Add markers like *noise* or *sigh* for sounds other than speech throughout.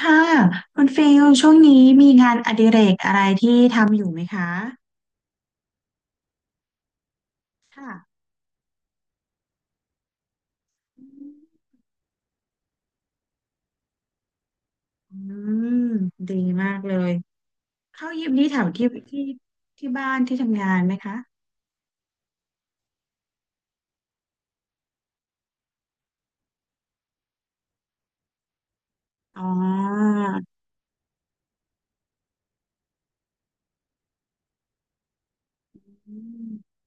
ค่ะคุณฟิลช่วงนี้มีงานอดิเรกอะไรที่ทำอยู่ไหมคะค่ะอืมดีมากเลยเข้ายิมนี่แถวที่ที่บ้านที่ทำงานไหมคะอ๋ออืม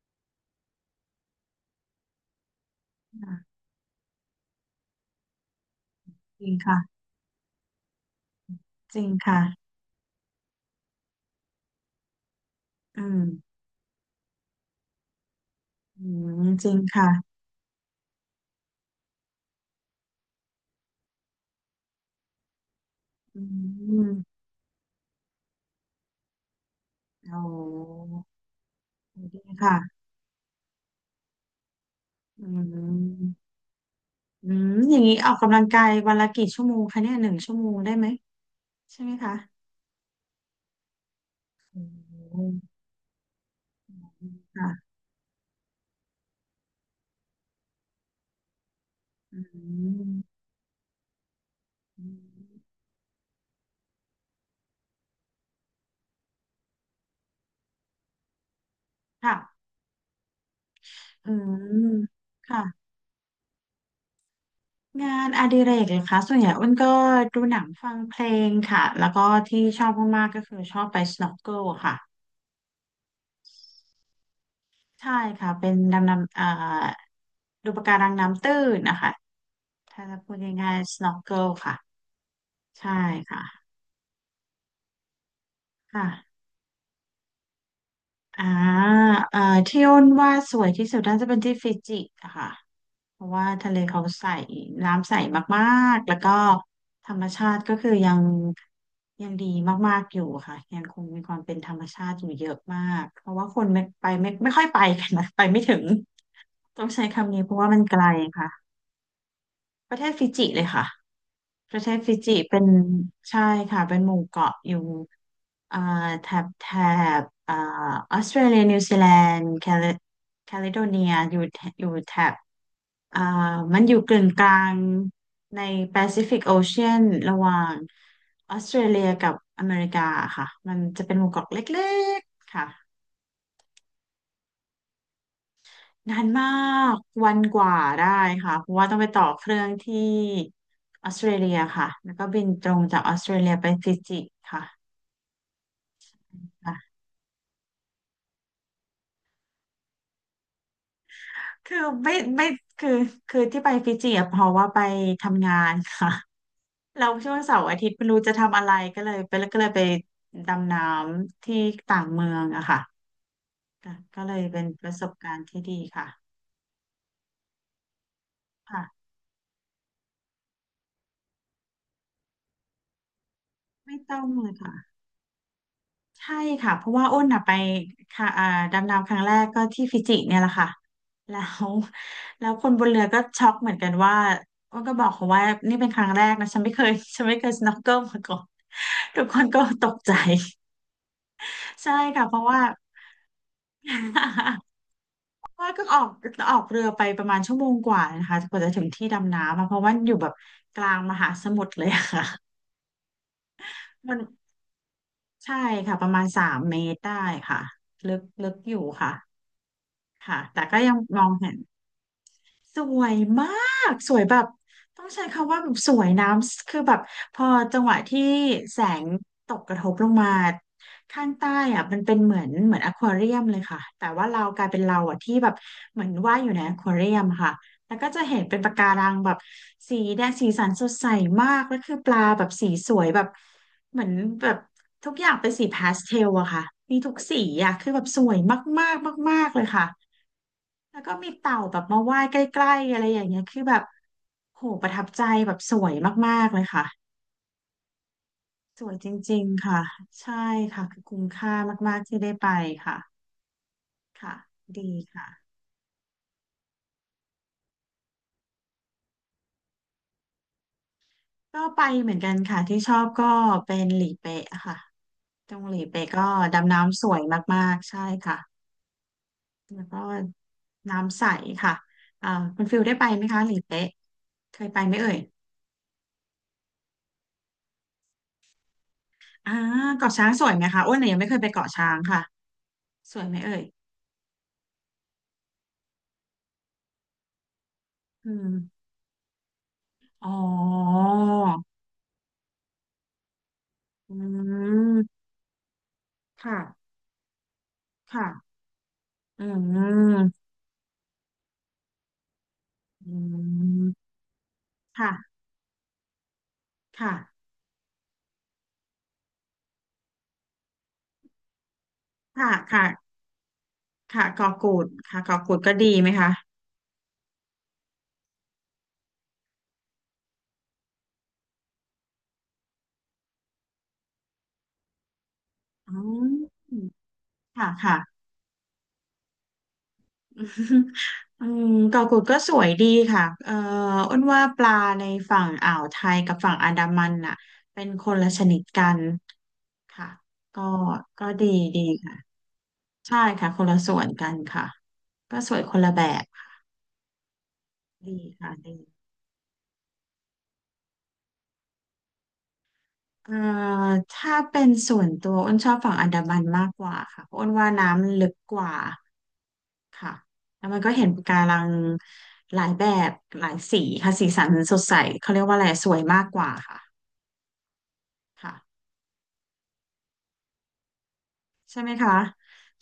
ค่ะจริงค่ะจริงค่ะอืมอืมจริงค่ะอืมโอ้ดีค่ะอืมอืมอย่างนี้ออกกำลังกายวันละกี่ชั่วโมงคะเนี่ยหนึ่งชั่วโมงได้ไหมใช่ไหมคะโอ้ค่ะ อืมค่ะอืมค่ะงานอดิเรกเลยคะส่วนใหญ่อ้นก็ดูหนังฟังเพลงค่ะแล้วก็ที่ชอบมากๆก็คือชอบไป snorkel ค่ะใช่ค่ะเป็นดำน้ำดูปะการังน้ำตื้นนะคะถ้าจะพูดง่ายๆ snorkel ค่ะใช่ค่ะค่ะ อ่าเอ่อที่อ้นว่าสวยที่สุดน่าจะเป็นที่ฟิจิอะค่ะเพราะว่าทะเลเขาใสน้ำใสมากๆ แล้วก็ธรรมชาติก็คือยังดีมากๆ อยู่ค่ะยังคงมีความเป็นธรรมชาติอยู่เยอะมากเพราะว่าคนไม่ไปไม่ค่อยไปกันนะไปไม่ถึงต้องใช้คำนี้เพราะว่ามันไกลค่ะประเทศฟิจิเลยค่ะ ประเทศฟิจิเป็นใช่ค่ะเป็นหมู่เกาะอยู่อ่าแถบแถบออสเตรเลียนิวซีแลนด์แคลิแคลิโดเนียอยู่แถอยู่แถบอ่ามันอยู่กึ่งกลางในแปซิฟิกโอเชียนระหว่างออสเตรเลียกับอเมริกาค่ะมันจะเป็นหมู่เกาะเล็กๆค่ะ นานมากวันกว่าได้ค่ะเพราะว่าต้องไปต่อเครื่องที่ออสเตรเลียค่ะแล้วก็บินตรงจากออสเตรเลียไปฟิจิค่ะคือไม่คือคือที่ไปฟิจิอะเพราะว่าไปทำงานค่ะเราช่วงเสาร์อาทิตย์ไม่รู้จะทำอะไรก็เลยไปก็เลยไปดำน้ำที่ต่างเมืองอะค่ะก็เลยเป็นประสบการณ์ที่ดีค่ะค่ะไม่ต้องเลยค่ะ ใช่ค่ะเพราะว่าอ้นอ่ะไปค่ะดำน้ำครั้งแรกก็ที่ฟิจิเนี่ยแหละค่ะแล้วแล้วคนบนเรือก็ช็อกเหมือนกันว่าอ้นก็บอกเขาว่านี่เป็นครั้งแรกนะฉันไม่เคยสโนว์เกิลมาก่อนทุกคนก็ตกใจใช่ค่ะเพราะว่า *laughs* เพราะว่าก็ออกออกเรือไปประมาณชั่วโมงกว่านะคะกว่าจะถึงที่ดำน้ำอะเพราะว่าอยู่แบบกลางมหาสมุทรเลยอะค่ะมันใช่ค่ะประมาณสามเมตรได้ค่ะลึกลึกอยู่ค่ะ ค่ะแต่ก็ยังมองเห็นสวยมากสวยแบบต้องใช้คำว่าแบบสวยน้ำคือแบบพอจังหวะที่แสงตกกระทบลงมาข้างใต้อ่ะมันเป็นเหมือนอควาเรียมเลยค่ะแต่ว่าเรากลายเป็นเราอ่ะที่แบบเหมือนว่ายอยู่ในอควาเรียมค่ะแล้วก็จะเห็นเป็นปะการังแบบสีแดงสีสันสดใสมากแล้วคือปลาแบบสีสวยแบบเหมือนแบบทุกอย่างเป็นสีพาสเทลอะค่ะมีทุกสีอะคือแบบสวยมากๆมากๆเลยค่ะ แล้วก็มีเต่าแบบมาว่ายใกล้ๆอะไรอย่างเงี้ยคือแบบโหประทับใจแบบสวยมากๆเลยค่ะสวยจริงๆค่ะใช่ค่ะคือคุ้มค่ามากๆที่ได้ไปค่ะค่ะดีค่ะก็ไปเหมือนกันค่ะที่ชอบก็เป็นหลีเป๊ะค่ะตรงหลีเป๊ะก็ดำน้ำสวยมากๆใช่ค่ะแล้วก็น้ำใสค่ะอ่าคุณฟิลได้ไปไหมคะหลีเป๊ะเคยไปไหมเอ่ยอ่าเกาะช้างสวยไหมคะอ้วนเนี่ยยังไม่เคยไปเกาะช้างค่ะสวยไหมเอ่ยอืม อ๋ออืมค่ะค่ะอืมอืมค่ะค่ะค่ะค่ะค่ะกอกูดค่ะกอกูดก็ดีไหมคะอืมค่ะค่ะ *laughs* อืมเกาะกูดก็สวยดีค่ะอ้นว่าปลาในฝั่งอ่าวไทยกับฝั่งอันดามันน่ะเป็นคนละชนิดกันค่ะก็ก็ดีค่ะ ใช่ค่ะ คนละส่วนกันค่ะก็สวยคนละแบบค่ะดีค่ะดี เอ่อถ้าเป็นส่วนตัวอ้นชอบฝั่งอันดามันมากกว่าค่ะเพราะอ้นว่าน้ำมันลึกกว่าค่ะแล้วมันก็เห็นปะการังหลายแบบหลายสีค่ะสีสันสดใสเขาเรียกว่าอะไรสวยมากกว่าค่ะค่ะใช่ไหมคะ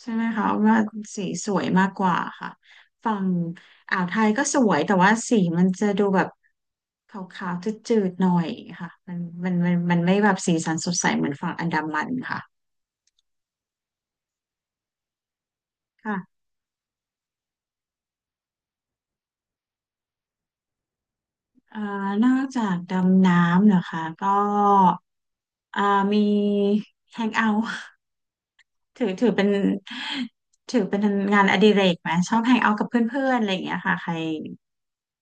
ใช่ไหมคะอ้นว่าสีสวยมากกว่าค่ะฝั่งอ่าวไทยก็สวยแต่ว่าสีมันจะดูแบบขาวๆจืดๆหน่อยค่ะมันไม่แบบสีสันสดใสเหมือนฝั่งอันดามันค่ะ อ่านอกจากดำน้ำเหรอคะก็อ่ามีแฮงเอาท์ *laughs* ถือเป็นถือเป็นงานอดิเรกไหมชอบแฮงเอาท์กับเพื่อนๆอะไรอย่างเงี้ยค่ะใคร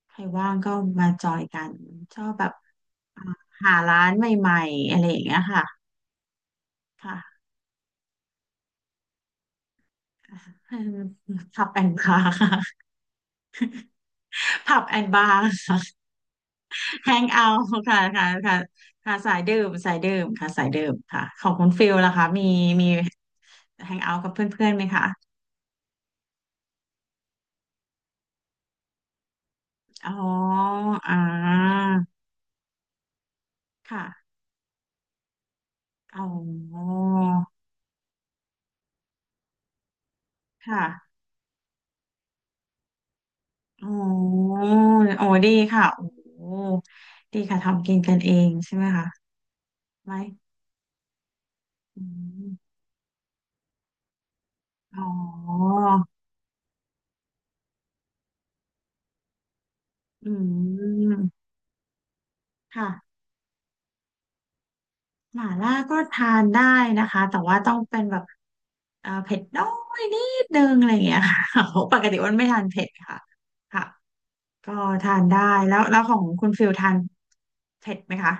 ใครว่างก็มาจอยกันชอบแบบหาร้านใหม่ๆอะไรอย่างเงี้ยค่ะค่ะ *laughs* ผับแอนบาร์ค่ะ *laughs* ผับแอนบาร์ แฮงเอาท์ค่ะค่ะค่ะค่ะสายดื่มสายดื่มค่ะสายดื่มค่ะของคุณฟิลล่ะคะมีมีแฮงเอาท์กับเพื่อนๆไหมคะอ๋ออ่าค่ะอ๋อค่ะอ๋อโอ้ดีค่ะโอ้ดีค่ะทำกินกันเองใช่ไหมคะไหมอมอ๋ออืมค่ะ หม่าล่าก็ทานได้นะคะแต่ว่าต้องเป็นแบบเผ็ดน้อยนิดนึงอะไรอย่างเงี้ยค่ะ *laughs* โอ้ปกติอ้วนไม่ทานเผ็ดค่ะค่ะก็ทานได้แล้วของคุณฟิลทานเผ็ดไหมคะ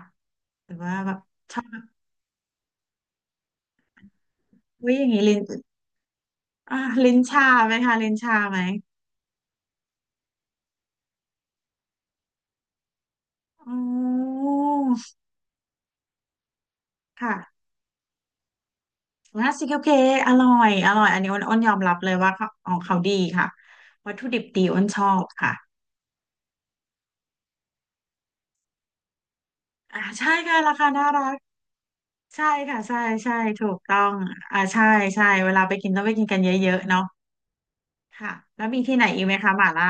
หรือว่าแบบชอบแบบอุ้ยอย่างงี้ลิ้นอ่าลิ้นชาไหมคะลิ้นชาไหมอ๋อค่ะร้านซีเคเคอร่อยอร่อยอันนี้อ้นอ้นยอมรับเลยว่าเขาของเขาดีค่ะวัตถุดิบดีอ้นชอบค่ะอ่าใช่ค่ะราคาน่ารัก ใช่ค่ะใช่ใช่ถูกต้องอ่าใช่ใช่เวลาไปกินต้องไปกินกันเยอะๆเนาะค่ะแล้วมีที่ไหนอีกไหมคะหม่าล่า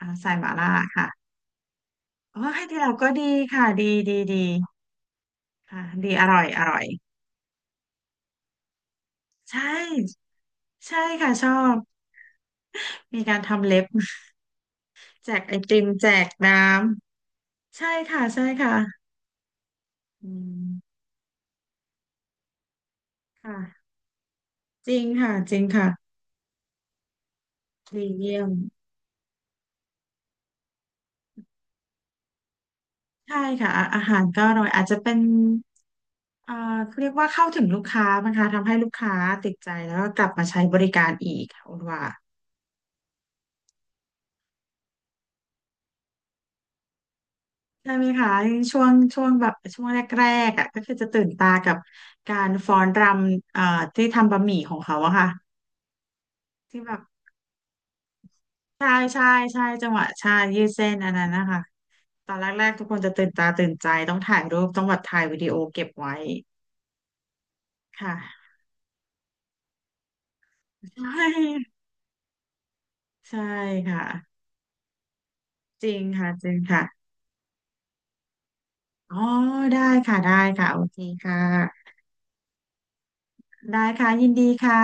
อ่าใส่หม่าล่าค่ะโอ้ยที่เราก็ดีค่ะดีดีดีค่ะดีอร่อยอร่อยใช่ใช่ค่ะชอบมีการทำเล็บ *laughs* แจกไอติมแจกน้ำใช่ค่ะใช่ค่ะอืมค่ะจริงค่ะจริงค่ะดีเยี่ยมใช่ค่ะอาอาหารก็อร่อยอาจจะเป็น อ่าเรียกว่าเข้าถึงลูกค้านะคะทำให้ลูกค้าติดใจแล้วก็กลับมาใช้บริการอีกค่ะคุณว่าใช่ไหมคะช่วงช่วงแบบช่วงแรกๆอ่ะก็คือจะตื่นตากับการฟ้อนรำที่ทำบะหมี่ของเขาอะค่ะที่แบบใช่ใช่ใช่จังหวะใช่ยืดเส้นอันนั้นนะคะตอนแรกๆทุกคนจะตื่นตาตื่นใจต้องถ่ายรูปต้องแบบถ่ายวิดีโอเก็บไว้ค่ะใช่ใช่ค่ะจริงค่ะจริงค่ะอ๋อได้ค่ะได้ค่ะโอเคค่ะ ได้ค่ะยินดีค่ะ